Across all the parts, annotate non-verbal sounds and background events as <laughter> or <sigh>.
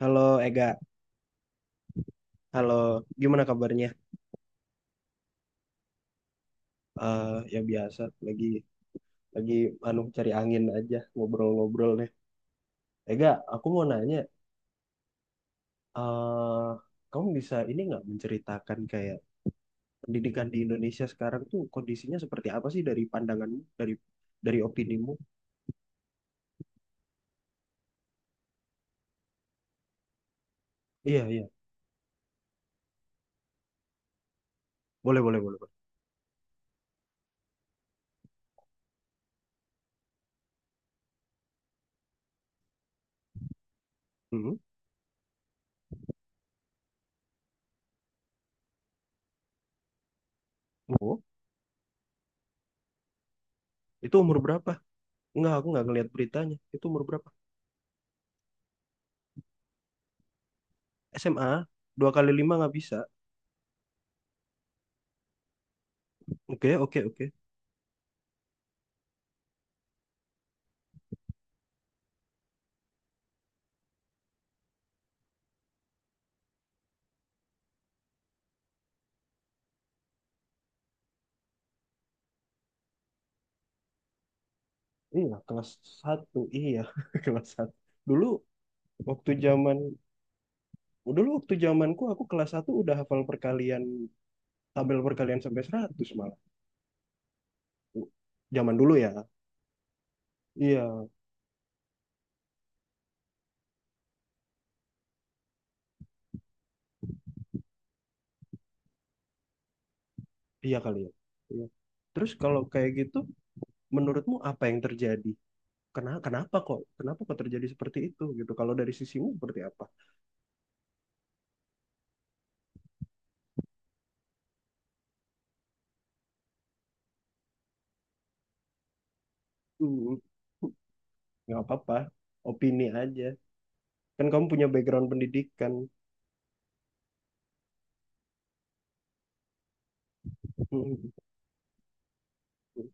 Halo Ega, halo. Gimana kabarnya? Eh ya biasa, lagi lagi anu cari angin aja, ngobrol-ngobrol deh. Ega, aku mau nanya, eh kamu bisa ini nggak menceritakan kayak pendidikan di Indonesia sekarang tuh kondisinya seperti apa sih dari pandanganmu, dari opinimu? Iya, iya, boleh, boleh, boleh, boleh. Mhm. Oh, itu umur berapa? Enggak, aku nggak ngeliat beritanya. Itu umur berapa? SMA, dua kali lima nggak bisa. Oke, oke, oke. Iya kelas satu, iya <laughs> kelas satu dulu. Waktu zaman waktu zamanku aku kelas satu udah hafal perkalian tabel perkalian sampai 100 malah. Zaman dulu ya. Iya, iya kali ya. Iya. Terus kalau kayak gitu menurutmu apa yang terjadi? Kenapa kenapa kok? Kenapa kok terjadi seperti itu gitu? Kalau dari sisimu seperti apa? Hmm, nggak apa-apa. Opini aja. Kan kamu punya background pendidikan. <laughs> Hmm.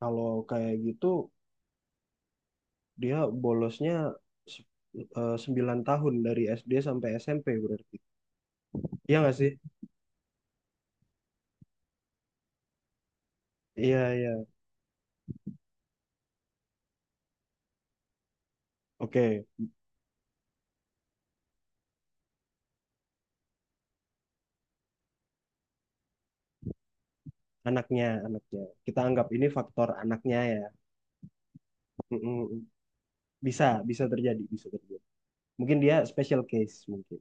Kalau kayak gitu dia bolosnya se- 9 tahun dari SD sampai SMP berarti. Iya nggak sih? Iya, iya. Oke. Anaknya, anaknya. Kita anggap ini faktor anaknya ya. Mm-mm. Bisa, bisa terjadi, bisa terjadi. Mungkin dia special case mungkin.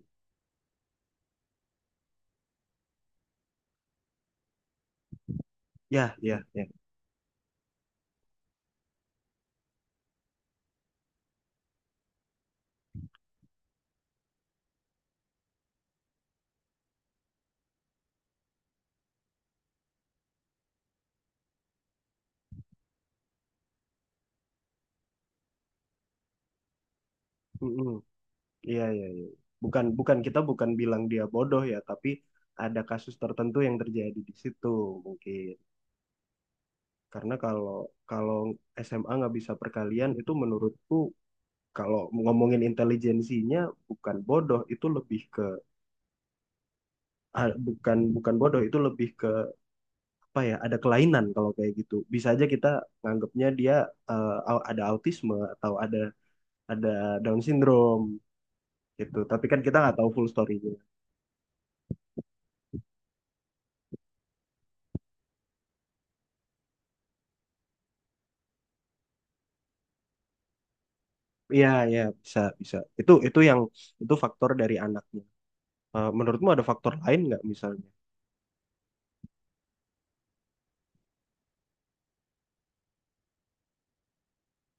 Ya, ya, ya. Mm-mm. Iya, iya, iya. Bukan kita bukan bilang dia bodoh ya, tapi ada kasus tertentu yang terjadi di situ mungkin. Karena kalau kalau SMA nggak bisa perkalian itu menurutku kalau ngomongin intelijensinya bukan bodoh, itu lebih ke ah, bukan bukan bodoh, itu lebih ke apa ya, ada kelainan kalau kayak gitu bisa aja kita nganggapnya dia eh, ada autisme atau ada Down syndrome gitu, tapi kan kita nggak tahu full story-nya. Iya, iya, bisa bisa itu yang itu faktor dari anaknya. Menurutmu ada faktor lain nggak misalnya?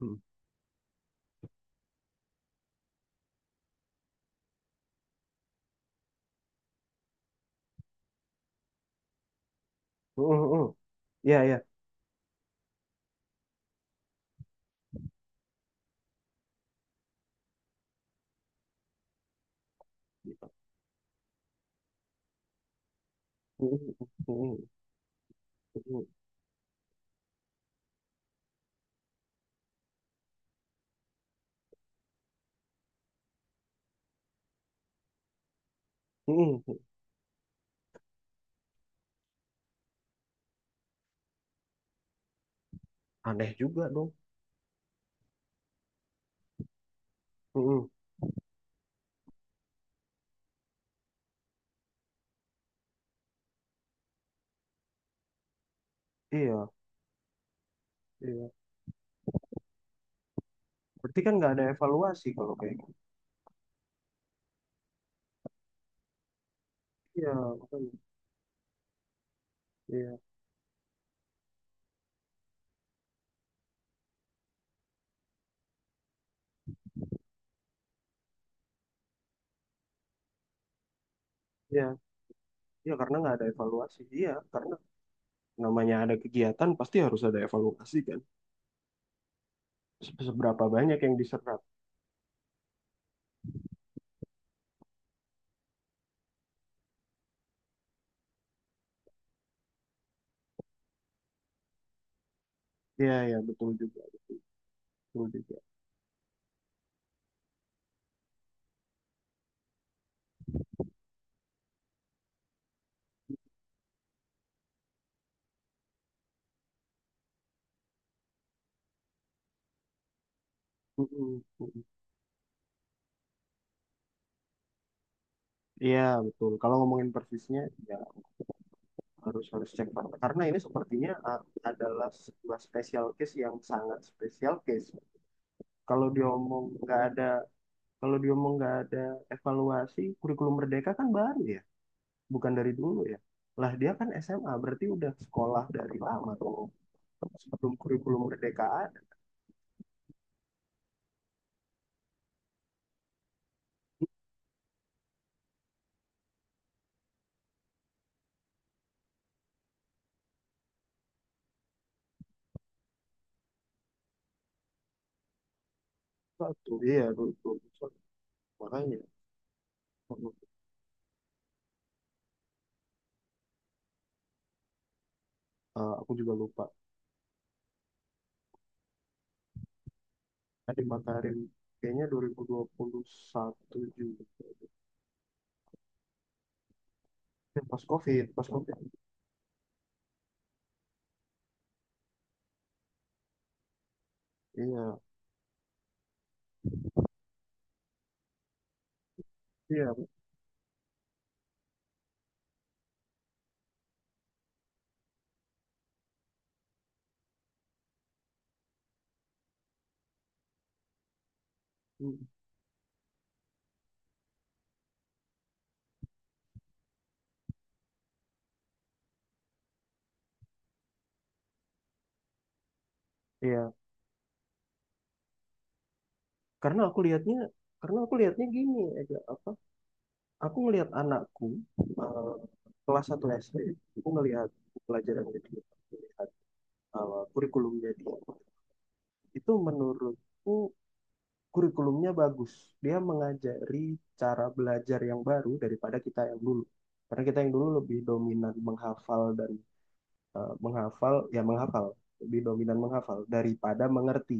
Hmm. Hmm, hmm, hmm. Iya, iya. Hmm, hmm, hmm, hmm, hmm. Aneh juga dong. Hmm, hmm. Iya, iya, berarti kan nggak ada evaluasi kalau kayak gitu. Iya makanya. Iya, iya, iya, karena nggak ada evaluasi, iya karena namanya ada kegiatan pasti harus ada evaluasi kan. Seberapa banyak yang diserap. Iya ya, betul juga, betul juga. Mm-mm, mm-mm. Iya betul, kalau ngomongin persisnya ya harus harus cek fakta karena ini sepertinya adalah sebuah special case yang sangat special case, kalau diomong nggak ada kalau diomong nggak ada evaluasi. Kurikulum merdeka kan baru ya, bukan dari dulu ya, lah dia kan SMA berarti udah sekolah dari lama tuh sebelum kurikulum merdeka ada. Betul, iya, makanya. Aku juga lupa. Ada Matarin kayaknya 2021 juga. Pas COVID, pas COVID. Iya, iya, hmm, iya. Karena aku lihatnya, gini aja apa? Aku ngelihat anakku, eh, kelas 1 SD, aku ngelihat pelajarannya dia, aku ngelihat kurikulumnya dia. Itu menurutku kurikulumnya bagus. Dia mengajari cara belajar yang baru daripada kita yang dulu. Karena kita yang dulu lebih dominan menghafal dan menghafal, ya menghafal, lebih dominan menghafal daripada mengerti.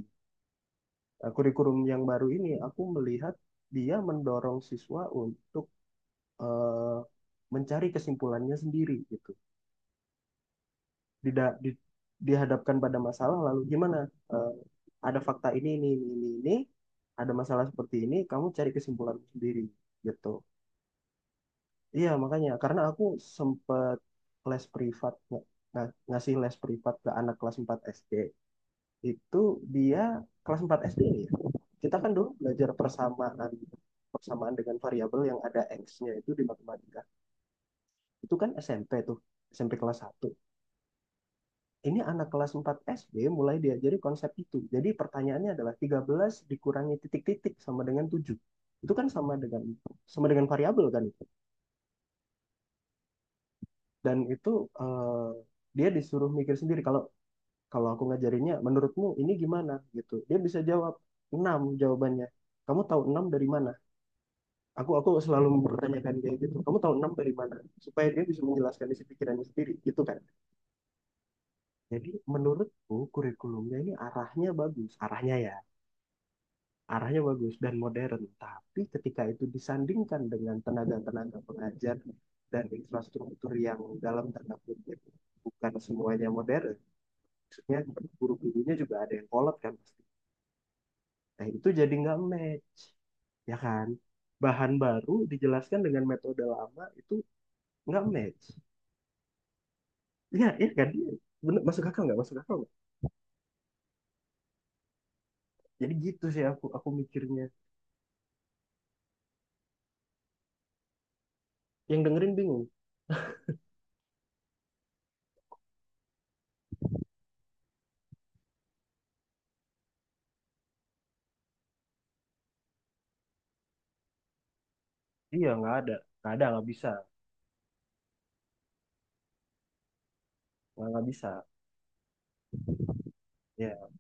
Nah, kurikulum yang baru ini aku melihat dia mendorong siswa untuk eh, mencari kesimpulannya sendiri gitu. Tidak dihadapkan pada masalah lalu gimana? Eh, ada fakta ini, ada masalah seperti ini, kamu cari kesimpulan sendiri gitu. Iya, makanya karena aku sempet les privat ngasih les privat ke anak kelas 4 SD. Itu dia kelas 4 SD ini ya. Kita kan dulu belajar persamaan persamaan dengan variabel yang ada X-nya itu di matematika. Itu kan SMP tuh, SMP kelas satu. Ini anak kelas 4 SD mulai diajari konsep itu. Jadi pertanyaannya adalah 13 dikurangi titik-titik sama dengan 7. Itu kan sama dengan variabel kan itu. Dan itu eh, dia disuruh mikir sendiri kalau kalau aku ngajarinnya menurutmu ini gimana gitu dia bisa jawab 6 jawabannya, kamu tahu 6 dari mana? Aku selalu mempertanyakan dia gitu, kamu tahu 6 dari mana, supaya dia bisa menjelaskan isi pikirannya sendiri gitu kan. Jadi menurutku kurikulumnya ini arahnya bagus, arahnya ya, arahnya bagus dan modern, tapi ketika itu disandingkan dengan tenaga-tenaga pengajar dan infrastruktur yang dalam tanda kutip bukan semuanya modern, maksudnya guru-gurunya juga ada yang kolot kan, itu jadi nggak match ya kan, bahan baru dijelaskan dengan metode lama itu nggak match, ya, ya kan. Iya. Bener, masuk akal nggak, masuk akal nggak? Jadi gitu sih, aku mikirnya, yang dengerin bingung. Iya Nggak ada nggak bisa nggak bisa ya.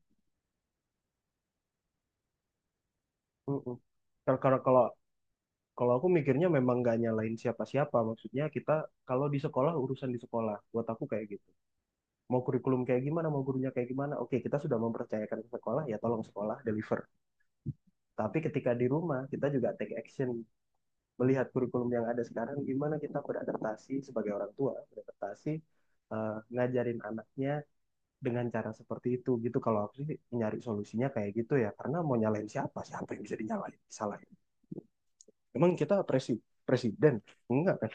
Mm-mm. kalau kalau kalau kalau aku mikirnya memang nggak nyalain siapa-siapa, maksudnya kita kalau di sekolah, urusan di sekolah buat aku kayak gitu, mau kurikulum kayak gimana, mau gurunya kayak gimana, oke kita sudah mempercayakan ke sekolah ya, tolong sekolah deliver. Tapi ketika di rumah, kita juga take action melihat kurikulum yang ada sekarang, gimana kita beradaptasi sebagai orang tua, beradaptasi ngajarin anaknya dengan cara seperti itu gitu. Kalau aku sih nyari solusinya kayak gitu ya, karena mau nyalain siapa? Siapa yang bisa dinyalain? Salahin. Emang kita presiden? Enggak kan?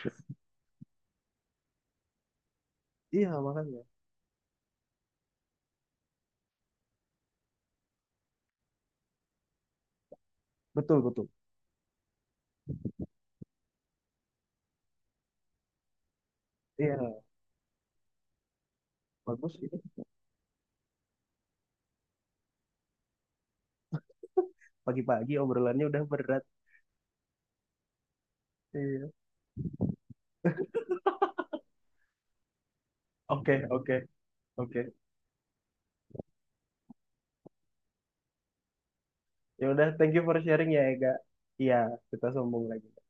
Iya makanya, betul, betul. Iya bagus ini, pagi-pagi obrolannya udah berat. Iya. Oke, oke, oke. Ya udah, thank you for sharing ya Ega. Iya, kita sambung lagi.